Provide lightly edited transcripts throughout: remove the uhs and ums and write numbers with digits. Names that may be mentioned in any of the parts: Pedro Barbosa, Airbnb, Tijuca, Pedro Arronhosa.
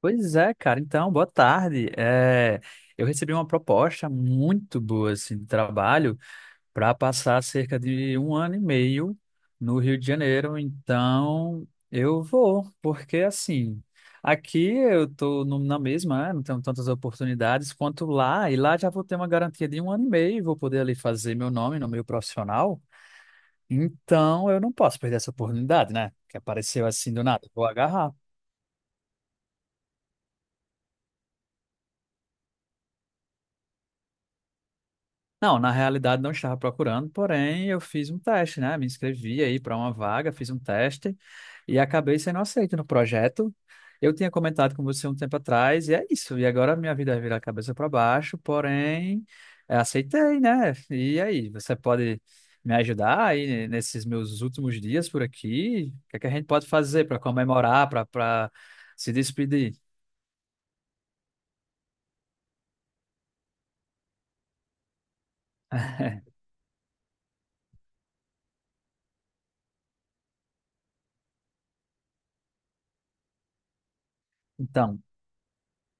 Pois é, cara. Então, boa tarde. Eu recebi uma proposta muito boa assim, de trabalho para passar cerca de um ano e meio no Rio de Janeiro. Então, eu vou, porque assim, aqui eu estou na mesma, né, não tenho tantas oportunidades quanto lá, e lá já vou ter uma garantia de um ano e meio, vou poder ali fazer meu nome no meio profissional. Então, eu não posso perder essa oportunidade, né? Que apareceu assim do nada. Vou agarrar. Não, na realidade não estava procurando, porém eu fiz um teste, né? Me inscrevi aí para uma vaga, fiz um teste e acabei sendo aceito no projeto. Eu tinha comentado com você um tempo atrás e é isso. E agora minha vida vira cabeça para baixo, porém aceitei, né? E aí, você pode me ajudar aí nesses meus últimos dias por aqui? O que é que a gente pode fazer para comemorar, para se despedir? Então.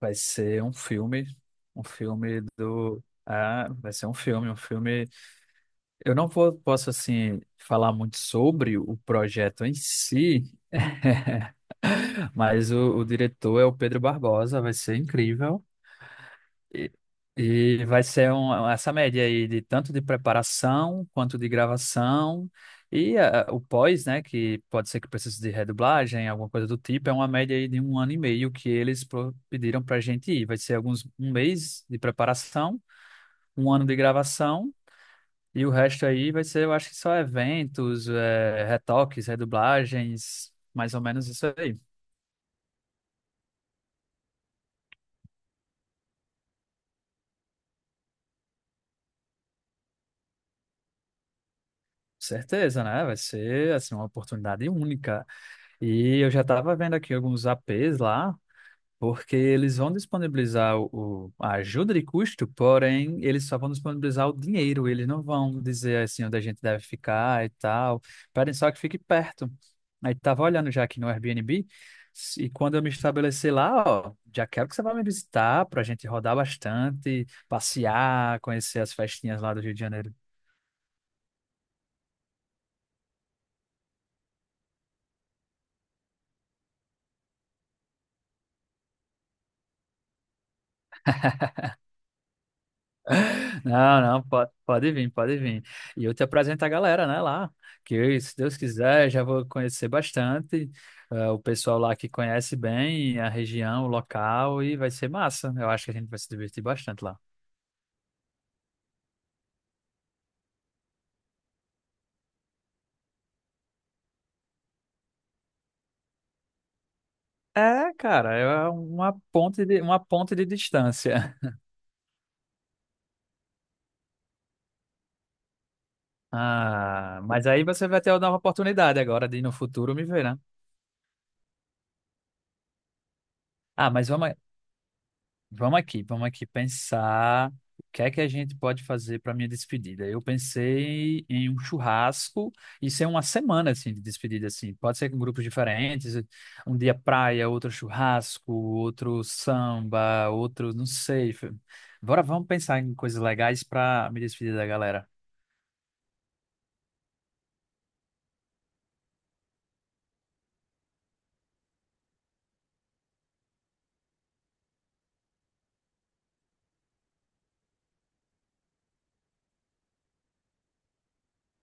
Vai ser um filme, um filme. Eu não vou, posso, assim, falar muito sobre o projeto em si, mas o diretor é o Pedro Barbosa, vai ser incrível. E, e vai ser um, essa média aí de tanto de preparação quanto de gravação e o pós, né, que pode ser que precise de redublagem, alguma coisa do tipo, é uma média aí de um ano e meio que eles pediram pra gente ir. Vai ser alguns um mês de preparação, um ano de gravação e o resto aí vai ser, eu acho que só eventos, retoques, redublagens, mais ou menos isso aí. Certeza, né? Vai ser assim uma oportunidade única. E eu já estava vendo aqui alguns APs lá, porque eles vão disponibilizar a ajuda de custo, porém, eles só vão disponibilizar o dinheiro, eles não vão dizer assim onde a gente deve ficar e tal. Pedem só que fique perto. Aí tava olhando já aqui no Airbnb, e quando eu me estabelecer lá, ó, já quero que você vá me visitar para a gente rodar bastante, passear, conhecer as festinhas lá do Rio de Janeiro. Não, não, pode vir, pode vir. E eu te apresento a galera, né, lá, que eu, se Deus quiser, já vou conhecer bastante, o pessoal lá que conhece bem a região, o local, e vai ser massa. Eu acho que a gente vai se divertir bastante lá. É, cara, é uma ponte de distância. Ah, mas aí você vai ter uma nova oportunidade agora de no futuro me ver, né? Ah, mas vamos. Vamos aqui pensar o que é que a gente pode fazer para minha despedida. Eu pensei em um churrasco, isso é uma semana assim de despedida assim. Pode ser com grupos diferentes, um dia praia, outro churrasco, outro samba, outro, não sei. Bora, vamos pensar em coisas legais para me despedir da galera.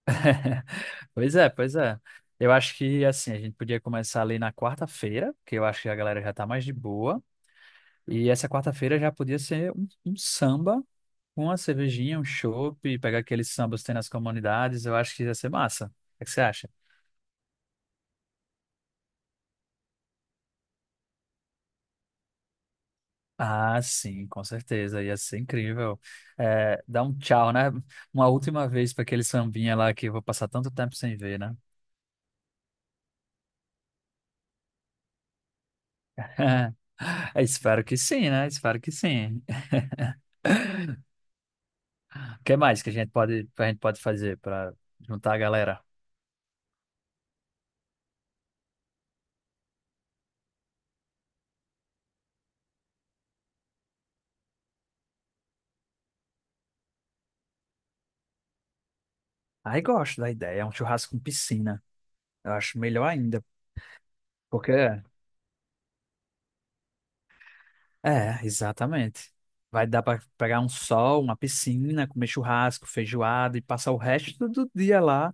Pois é, pois é. Eu acho que assim, a gente podia começar ali na quarta-feira, que eu acho que a galera já tá mais de boa. E essa quarta-feira já podia ser um samba com uma cervejinha, um chopp, pegar aqueles sambas que tem nas comunidades, eu acho que ia ser massa. O que você acha? Ah, sim, com certeza, ia ser incrível. É, dar um tchau, né? Uma última vez para aquele sambinha lá que eu vou passar tanto tempo sem ver, né? Espero que sim, né? Espero que sim. O que mais que a gente pode fazer para juntar a galera? Aí gosto da ideia, é um churrasco com piscina. Eu acho melhor ainda. Porque É, exatamente. Vai dar para pegar um sol, uma piscina, comer churrasco, feijoada e passar o resto do dia lá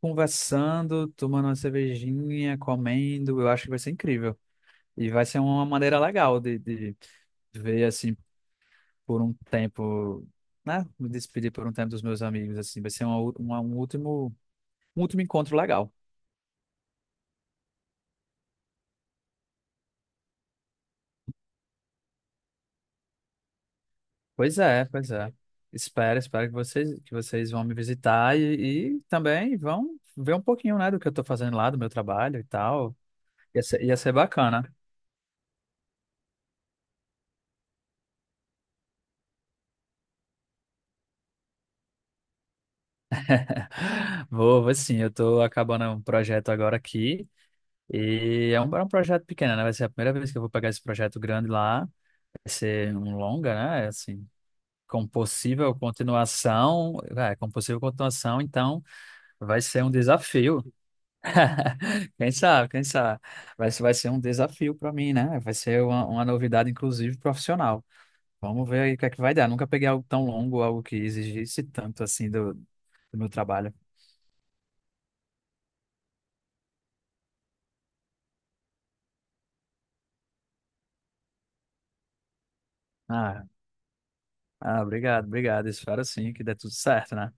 conversando, tomando uma cervejinha, comendo. Eu acho que vai ser incrível. E vai ser uma maneira legal de ver, assim, por um tempo, né? Me despedir por um tempo dos meus amigos, assim. Vai ser uma, u- uma- um último encontro legal. Pois é, pois é. Espero, espero que vocês vão me visitar e também vão ver um pouquinho, né, do que eu estou fazendo lá, do meu trabalho e tal. Ia ser bacana. Vou, vou sim, eu estou acabando um projeto agora aqui. E é é um projeto pequeno, né? Vai ser a primeira vez que eu vou pegar esse projeto grande lá. Vai ser um longa, né? Assim, com possível continuação. É, com possível continuação, então vai ser um desafio. Quem sabe, quem sabe. Vai ser um desafio para mim, né? Vai ser uma novidade, inclusive, profissional. Vamos ver aí o que é que vai dar. Nunca peguei algo tão longo, algo que exigisse tanto assim do meu trabalho. Ah, ah, obrigado, obrigado. Espero sim que dê tudo certo, né?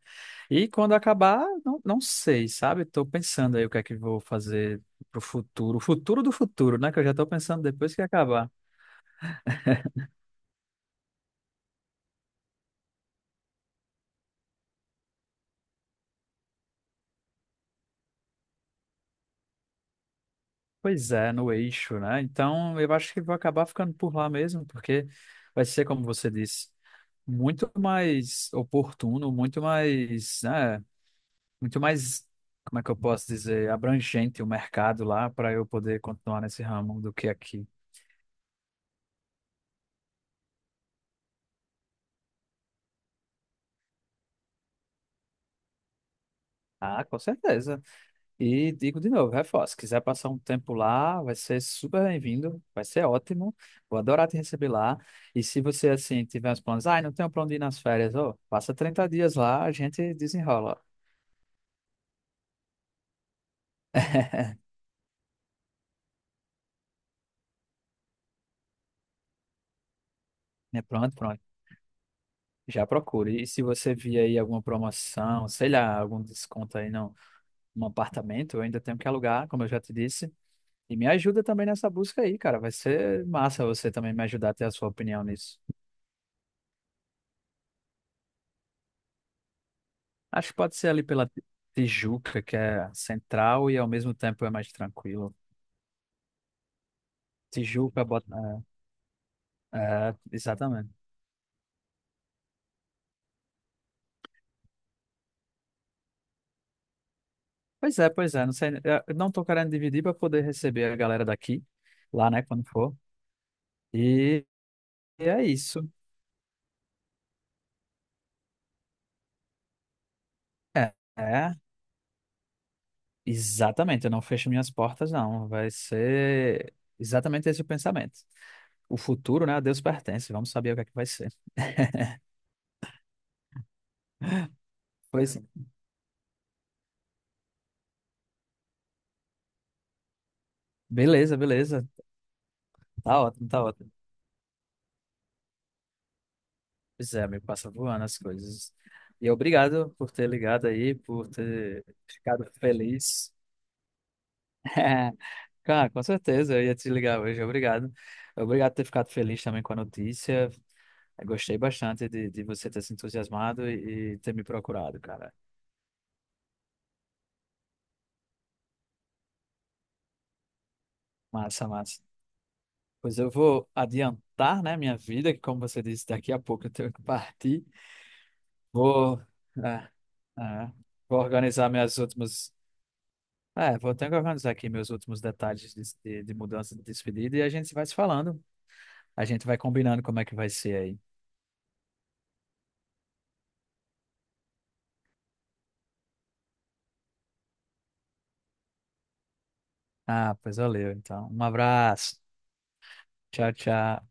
E quando acabar, não, não sei, sabe? Estou pensando aí o que é que vou fazer pro futuro, o futuro do futuro, né? Que eu já estou pensando depois que acabar. Pois é, no eixo, né? Então, eu acho que vou acabar ficando por lá mesmo, porque vai ser, como você disse, muito mais oportuno, muito mais, né, muito mais, como é que eu posso dizer, abrangente o mercado lá para eu poder continuar nesse ramo do que aqui. Ah, com certeza. E digo de novo, reforço, se quiser passar um tempo lá, vai ser super bem-vindo, vai ser ótimo, vou adorar te receber lá. E se você, assim, tiver uns planos, ah, não tenho plano de ir nas férias, ô, passa 30 dias lá, a gente desenrola. Né? Pronto, pronto. Já procure. E se você vir aí alguma promoção, sei lá, algum desconto aí no, num apartamento, eu ainda tenho que alugar, como eu já te disse. E me ajuda também nessa busca aí, cara. Vai ser massa você também me ajudar a ter a sua opinião nisso. Acho que pode ser ali Tijuca, que é central e ao mesmo tempo é mais tranquilo. Tijuca, bota... é, é, exatamente. Pois é, pois é. Não sei, eu não tô querendo dividir para poder receber a galera daqui, lá, né, quando for. E, e é isso. É, é, exatamente. Eu não fecho minhas portas, não. Vai ser exatamente esse o pensamento. O futuro, né, a Deus pertence. Vamos saber o que é que vai ser. Pois, beleza, beleza. Tá ótimo, tá ótimo. Pois é, amigo, passa voando as coisas. E obrigado por ter ligado aí, por ter ficado feliz. Cara, com certeza, eu ia te ligar hoje, obrigado. Obrigado por ter ficado feliz também com a notícia. Eu gostei bastante de você ter se entusiasmado e ter me procurado, cara. Massa, massa. Pois eu vou adiantar, né, minha vida, que como você disse, daqui a pouco eu tenho que partir. Vou, é, é, vou organizar minhas últimas Ah, é, vou ter que organizar aqui meus últimos detalhes de mudança de despedida e a gente vai se falando. A gente vai combinando como é que vai ser aí. Ah, pois valeu, então. Um abraço. Tchau, tchau.